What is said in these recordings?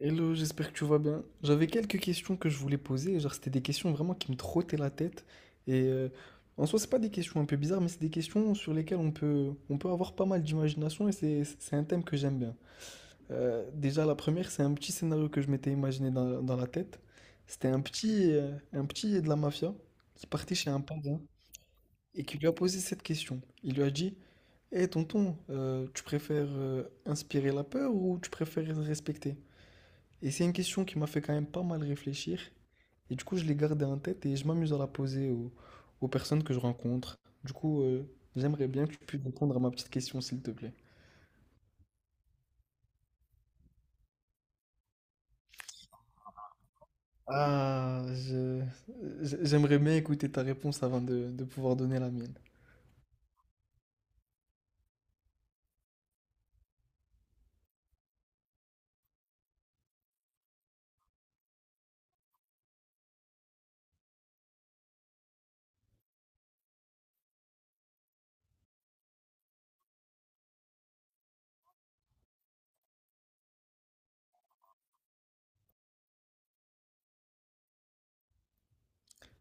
Hello, j'espère que tu vas bien. J'avais quelques questions que je voulais poser, genre c'était des questions vraiment qui me trottaient la tête. Et euh, En soi, c'est pas des questions un peu bizarres, mais c'est des questions sur lesquelles on peut avoir pas mal d'imagination et c'est un thème que j'aime bien. Déjà, la première, c'est un petit scénario que je m'étais imaginé dans la tête. C'était un petit de la mafia qui partait chez un parrain et qui lui a posé cette question. Il lui a dit, hé tonton, tu préfères inspirer la peur ou tu préfères respecter? Et c'est une question qui m'a fait quand même pas mal réfléchir. Et du coup, je l'ai gardée en tête et je m'amuse à la poser aux personnes que je rencontre. Du coup, euh, J'aimerais bien que tu puisses répondre à ma petite question, s'il te plaît. Ah, j'aimerais bien écouter ta réponse avant de pouvoir donner la mienne.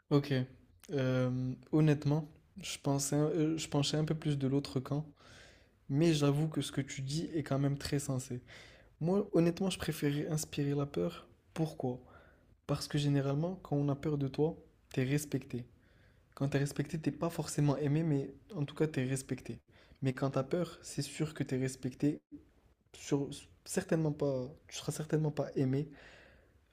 Ok. Honnêtement, je penchais un peu plus de l'autre camp, mais j'avoue que ce que tu dis est quand même très sensé. Moi, honnêtement, je préférais inspirer la peur. Pourquoi? Parce que généralement, quand on a peur de toi, t'es respecté. Quand t'es respecté, t'es pas forcément aimé, mais en tout cas, t'es respecté. Mais quand t'as peur, c'est sûr que t'es respecté. Sur, Certainement pas, tu seras certainement pas aimé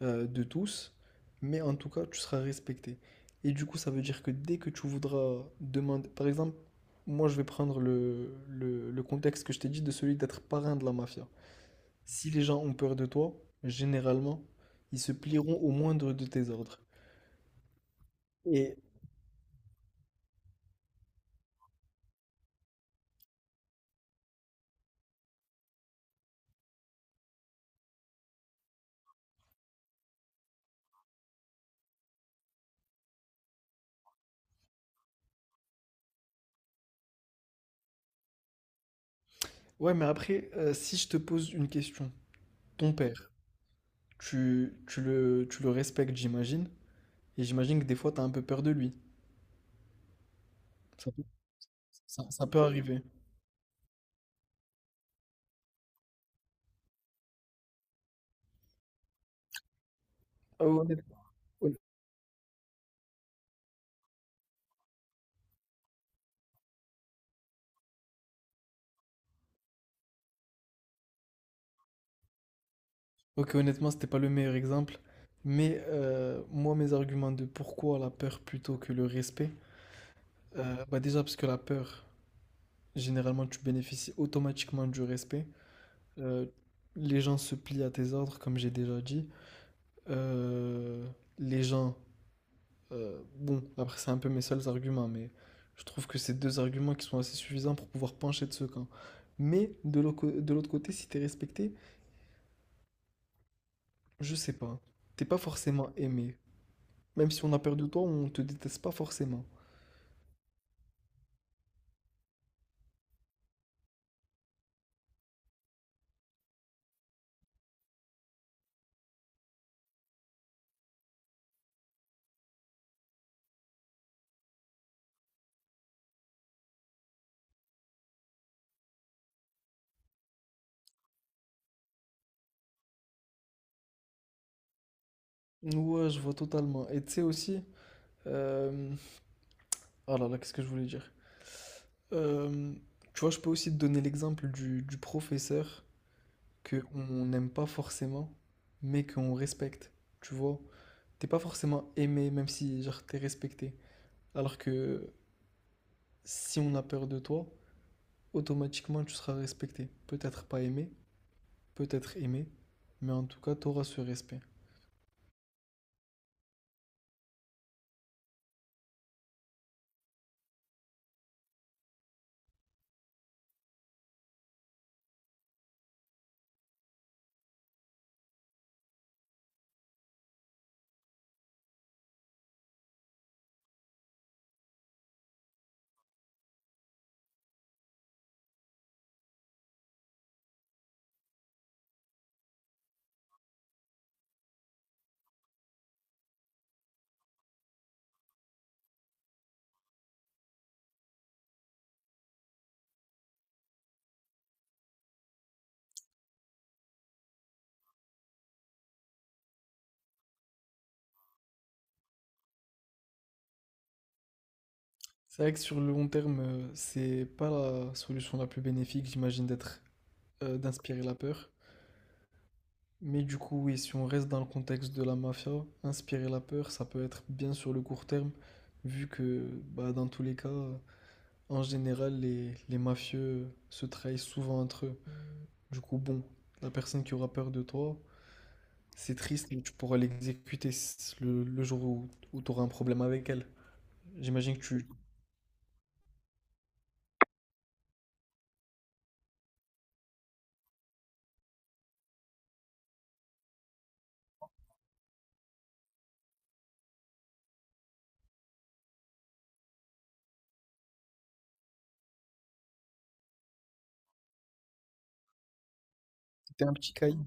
de tous, mais en tout cas, tu seras respecté. Et du coup, ça veut dire que dès que tu voudras demander, par exemple, moi, je vais prendre le contexte que je t'ai dit de celui d'être parrain de la mafia. Si les gens ont peur de toi, généralement, ils se plieront au moindre de tes ordres. Et ouais, mais après, si je te pose une question, ton père, tu le respectes, j'imagine? Et j'imagine que des fois, t'as un peu peur de lui. Ça peut, ça peut arriver. Ah, Honnête hon OK, honnêtement, c'était pas le meilleur exemple, mais moi, mes arguments de pourquoi la peur plutôt que le respect, déjà parce que la peur, généralement, tu bénéficies automatiquement du respect. Heu, les gens se plient à tes ordres, comme j'ai déjà dit. Heu, les gens Bon, après, c'est un peu mes seuls arguments, mais je trouve que c'est deux arguments qui sont assez suffisants pour pouvoir pencher de ce camp. Mais de l'autre côté, si t'es respecté, je sais pas. T'es pas forcément aimé. Même si on a peur de toi, on te déteste pas forcément. Ouais, je vois totalement. Et tu sais aussi. Euh... Oh là là, qu'est-ce que je voulais dire? Euh, Tu vois, je peux aussi te donner l'exemple du professeur que on n'aime pas forcément, mais qu'on respecte. Tu vois? T'es pas forcément aimé, même si genre t'es respecté. Alors que si on a peur de toi, automatiquement tu seras respecté. Peut-être pas aimé, peut-être aimé, mais en tout cas tu auras ce respect. C'est vrai que sur le long terme, c'est pas la solution la plus bénéfique, j'imagine, d'être d'inspirer la peur. Mais du coup, oui, si on reste dans le contexte de la mafia, inspirer la peur, ça peut être bien sur le court terme, vu que bah, dans tous les cas, en général, les mafieux se trahissent souvent entre eux. Du coup, bon, la personne qui aura peur de toi, c'est triste, mais tu pourras le jour où tu auras un problème avec elle. J'imagine que tu étais un petit caïd.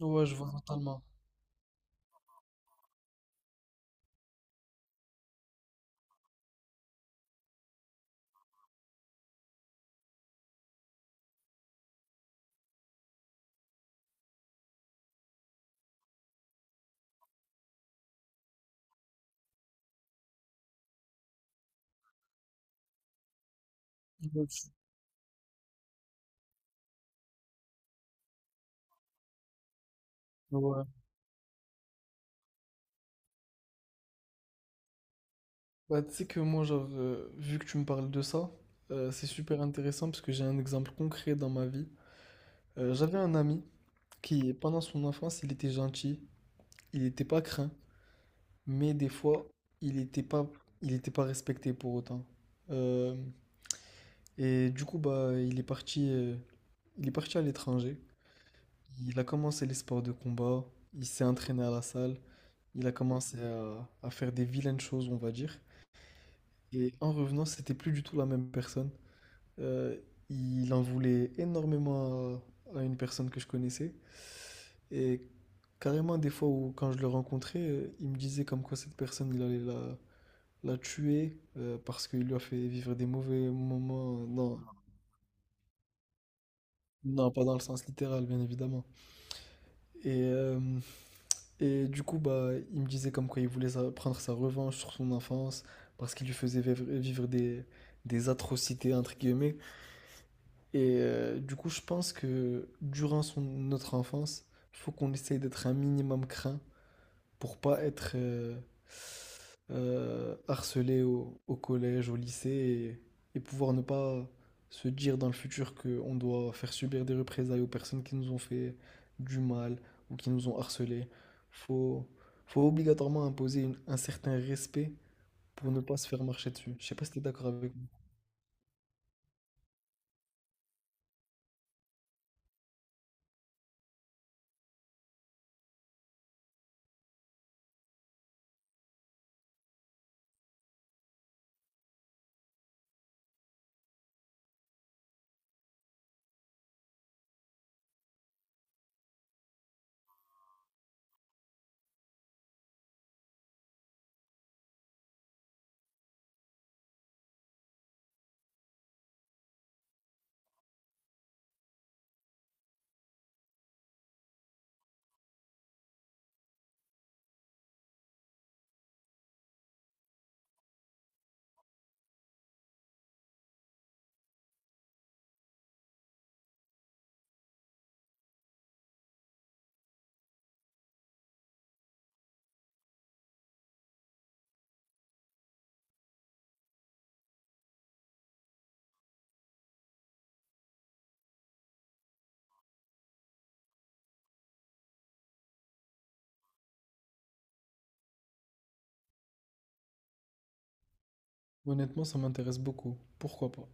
Ouais, je vois totalement. Ouais, tu ouais. Bah, tu sais que moi, genre, vu que tu me parles de ça, c'est super intéressant parce que j'ai un exemple concret dans ma vie. J'avais un ami qui, pendant son enfance, il était gentil, il n'était pas craint, mais des fois, il n'était pas, il était pas respecté pour autant. Euh, et du coup, bah, il est parti à l'étranger. Il a commencé les sports de combat, il s'est entraîné à la salle, il a commencé à faire des vilaines choses, on va dire. Et en revenant, c'était plus du tout la même personne. Euh, il en voulait énormément à une personne que je connaissais. Et carrément, des fois où quand je le rencontrais, il me disait comme quoi cette personne, il allait la tuer parce qu'il lui a fait vivre des mauvais moments. Non, non, pas dans le sens littéral, bien évidemment. Et euh, Et du coup, bah, il me disait comme quoi prendre sa revanche sur son enfance parce qu'il lui faisait vivre des atrocités, entre guillemets. Du coup, je pense que durant notre enfance, il faut qu'on essaye d'être un minimum craint pour pas être harcelé au collège, au lycée et pouvoir ne pas se dire dans le futur qu'on doit faire subir des représailles aux personnes qui nous ont fait du mal ou qui nous ont harcelé. Faut, Faut obligatoirement imposer un certain respect pour ne pas se faire marcher dessus. Je sais pas si t'es d'accord avec moi. Honnêtement, ça m'intéresse beaucoup. Pourquoi pas?